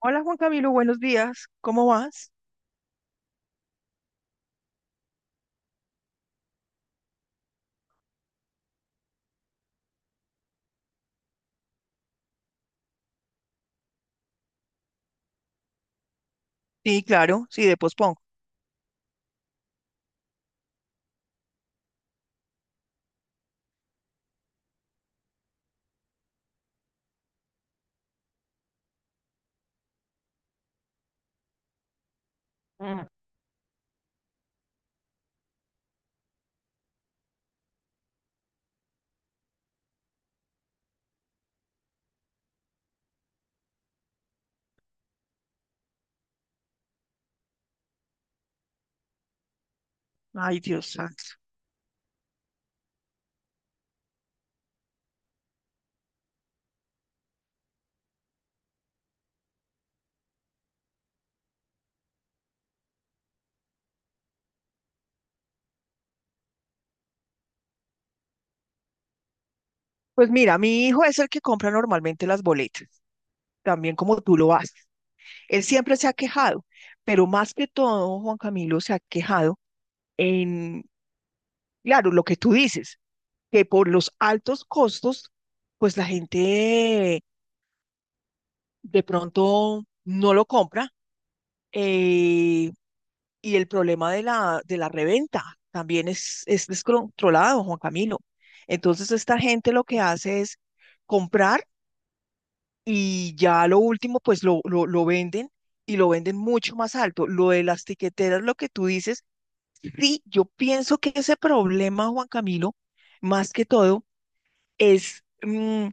Hola Juan Camilo, buenos días. ¿Cómo vas? Sí, claro, sí, de pospongo. Mm. Ay, Dios santo. Pues mira, mi hijo es el que compra normalmente las boletas, también como tú lo haces. Él siempre se ha quejado, pero más que todo, Juan Camilo se ha quejado en, claro, lo que tú dices, que por los altos costos, pues la gente de pronto no lo compra. eh, Y el problema de la reventa también es descontrolado, Juan Camilo. Entonces, esta gente lo que hace es comprar y ya lo último, pues lo venden y lo venden mucho más alto. Lo de las tiqueteras, lo que tú dices, sí, yo pienso que ese problema, Juan Camilo, más que todo, es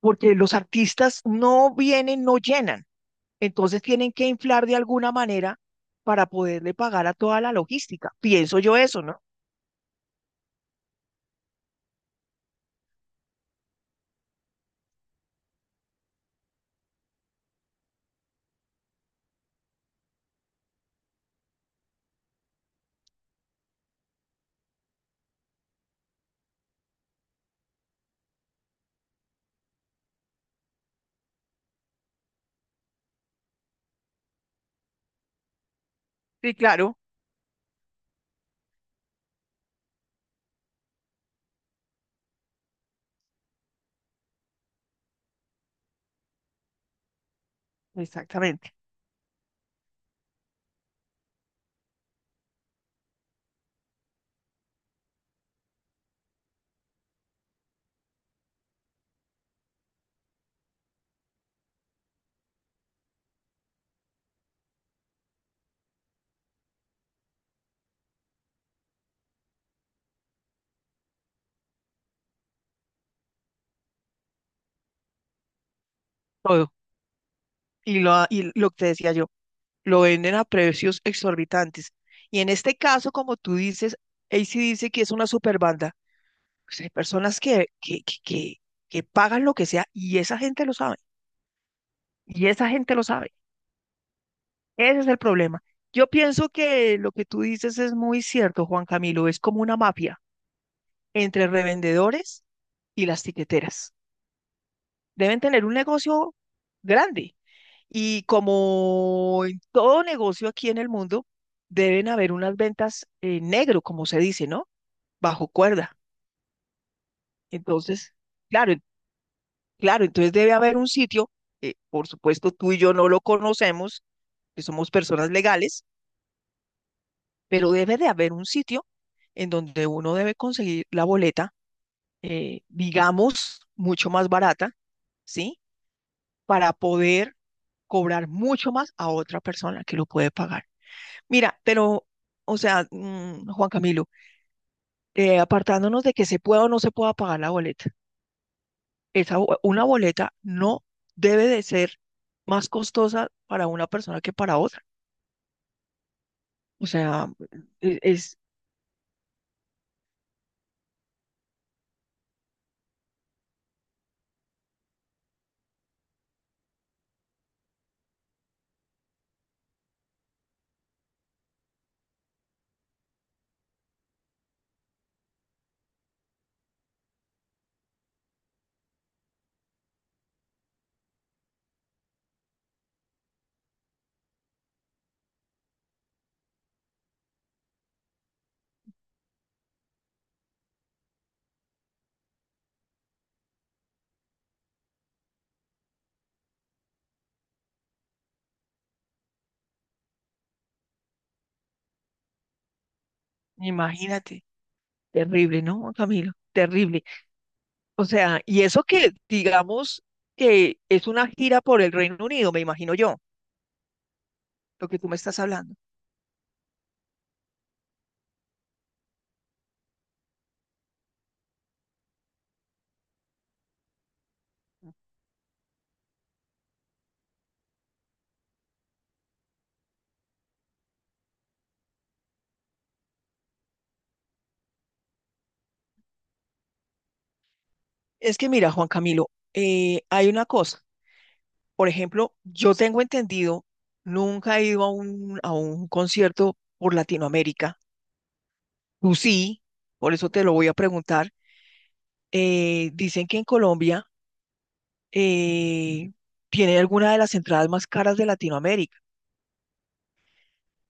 porque los artistas no vienen, no llenan. Entonces tienen que inflar de alguna manera para poderle pagar a toda la logística. Pienso yo eso, ¿no? Sí, claro, exactamente, todo. Y lo que te decía yo, lo venden a precios exorbitantes. Y en este caso, como tú dices, AC dice que es una super banda. Pues hay personas que pagan lo que sea y esa gente lo sabe. Y esa gente lo sabe. Ese es el problema. Yo pienso que lo que tú dices es muy cierto, Juan Camilo. Es como una mafia entre revendedores y las tiqueteras. Deben tener un negocio grande. Y como en todo negocio aquí en el mundo, deben haber unas ventas en negro, como se dice, ¿no? Bajo cuerda. Entonces, claro, claro, entonces debe haber un sitio, por supuesto tú y yo no lo conocemos, que somos personas legales, pero debe de haber un sitio en donde uno debe conseguir la boleta, digamos, mucho más barata, ¿sí? Para poder cobrar mucho más a otra persona que lo puede pagar. Mira, pero, o sea, Juan Camilo, apartándonos de que se pueda o no se pueda pagar la boleta, una boleta no debe de ser más costosa para una persona que para otra. O sea, es, imagínate, terrible, ¿no, Juan Camilo? Terrible. O sea, y eso que digamos que es una gira por el Reino Unido, me imagino yo, lo que tú me estás hablando. Es que mira, Juan Camilo, hay una cosa. Por ejemplo, yo tengo entendido, nunca he ido a un, concierto por Latinoamérica. Tú sí, por eso te lo voy a preguntar. Dicen que en Colombia eh, tiene alguna de las entradas más caras de Latinoamérica.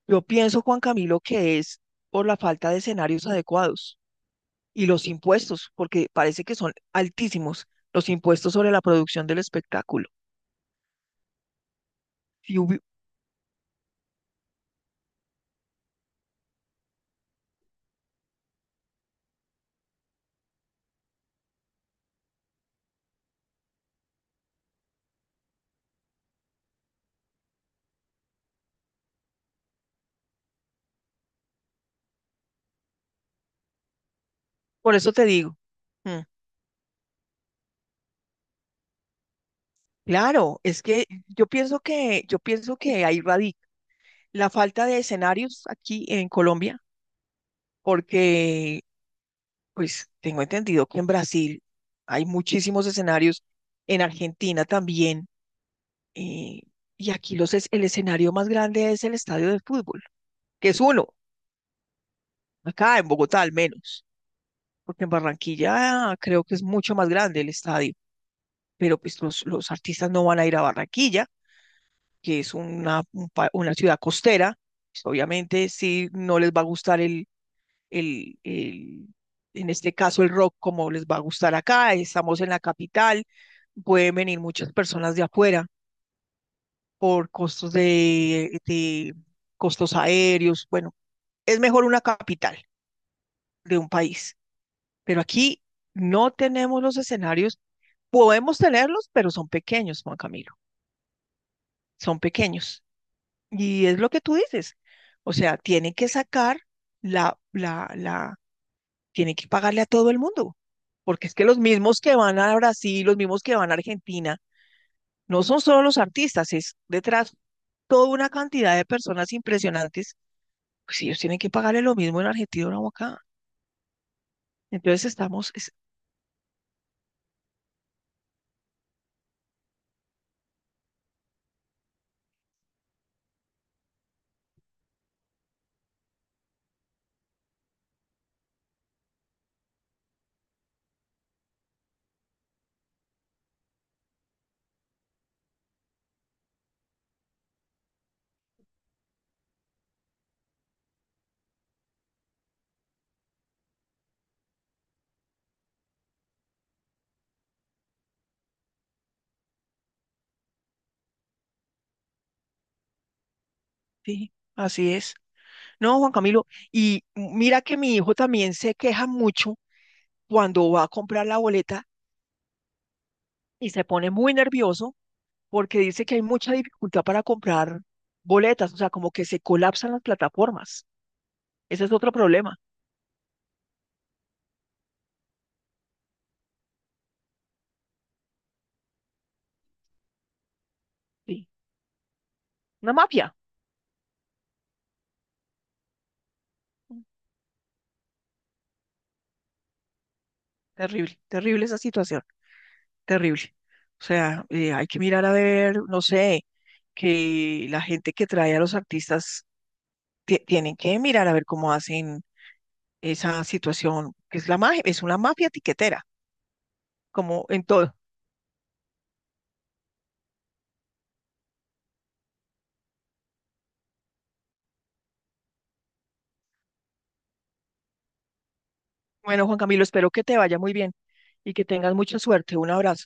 Yo pienso, Juan Camilo, que es por la falta de escenarios adecuados y los impuestos, porque parece que son altísimos los impuestos sobre la producción del espectáculo. Si hubi- Por eso te digo. Hmm. Claro, es que yo pienso que ahí radica la falta de escenarios aquí en Colombia, porque pues tengo entendido que en Brasil hay muchísimos escenarios, en Argentina también, eh, y aquí el escenario más grande es el estadio de fútbol, que es uno, acá en Bogotá al menos, porque en Barranquilla creo que es mucho más grande el estadio, pero pues los artistas no van a ir a Barranquilla que es una ciudad costera, pues, obviamente sí no les va a gustar el, en este caso el rock como les va a gustar acá, estamos en la capital, pueden venir muchas personas de afuera por costos de costos aéreos, bueno, es mejor una capital de un país, pero aquí no tenemos los escenarios, podemos tenerlos, pero son pequeños, Juan Camilo, son pequeños. Y es lo que tú dices. O sea, tiene que sacar la, la, la, tiene que pagarle a todo el mundo. Porque es que los mismos que van a Brasil, los mismos que van a Argentina, no son solo los artistas, es detrás toda una cantidad de personas impresionantes. Pues ellos tienen que pagarle lo mismo en Argentina o acá. Entonces estamos. Sí, así es. No, Juan Camilo, y mira que mi hijo también se queja mucho cuando va a comprar la boleta y se pone muy nervioso porque dice que hay mucha dificultad para comprar boletas, o sea, como que se colapsan las plataformas. Ese es otro problema. Sí. Una mafia. Mm, Terrible, terrible esa situación, terrible. O sea, hay que mirar a ver, no sé, que la gente que trae a los artistas tienen que mirar a ver cómo hacen esa situación, que es la magia, es una mafia tiquetera, como en todo. Bueno, Juan Camilo, espero que te vaya muy bien y que tengas mucha suerte. Un abrazo.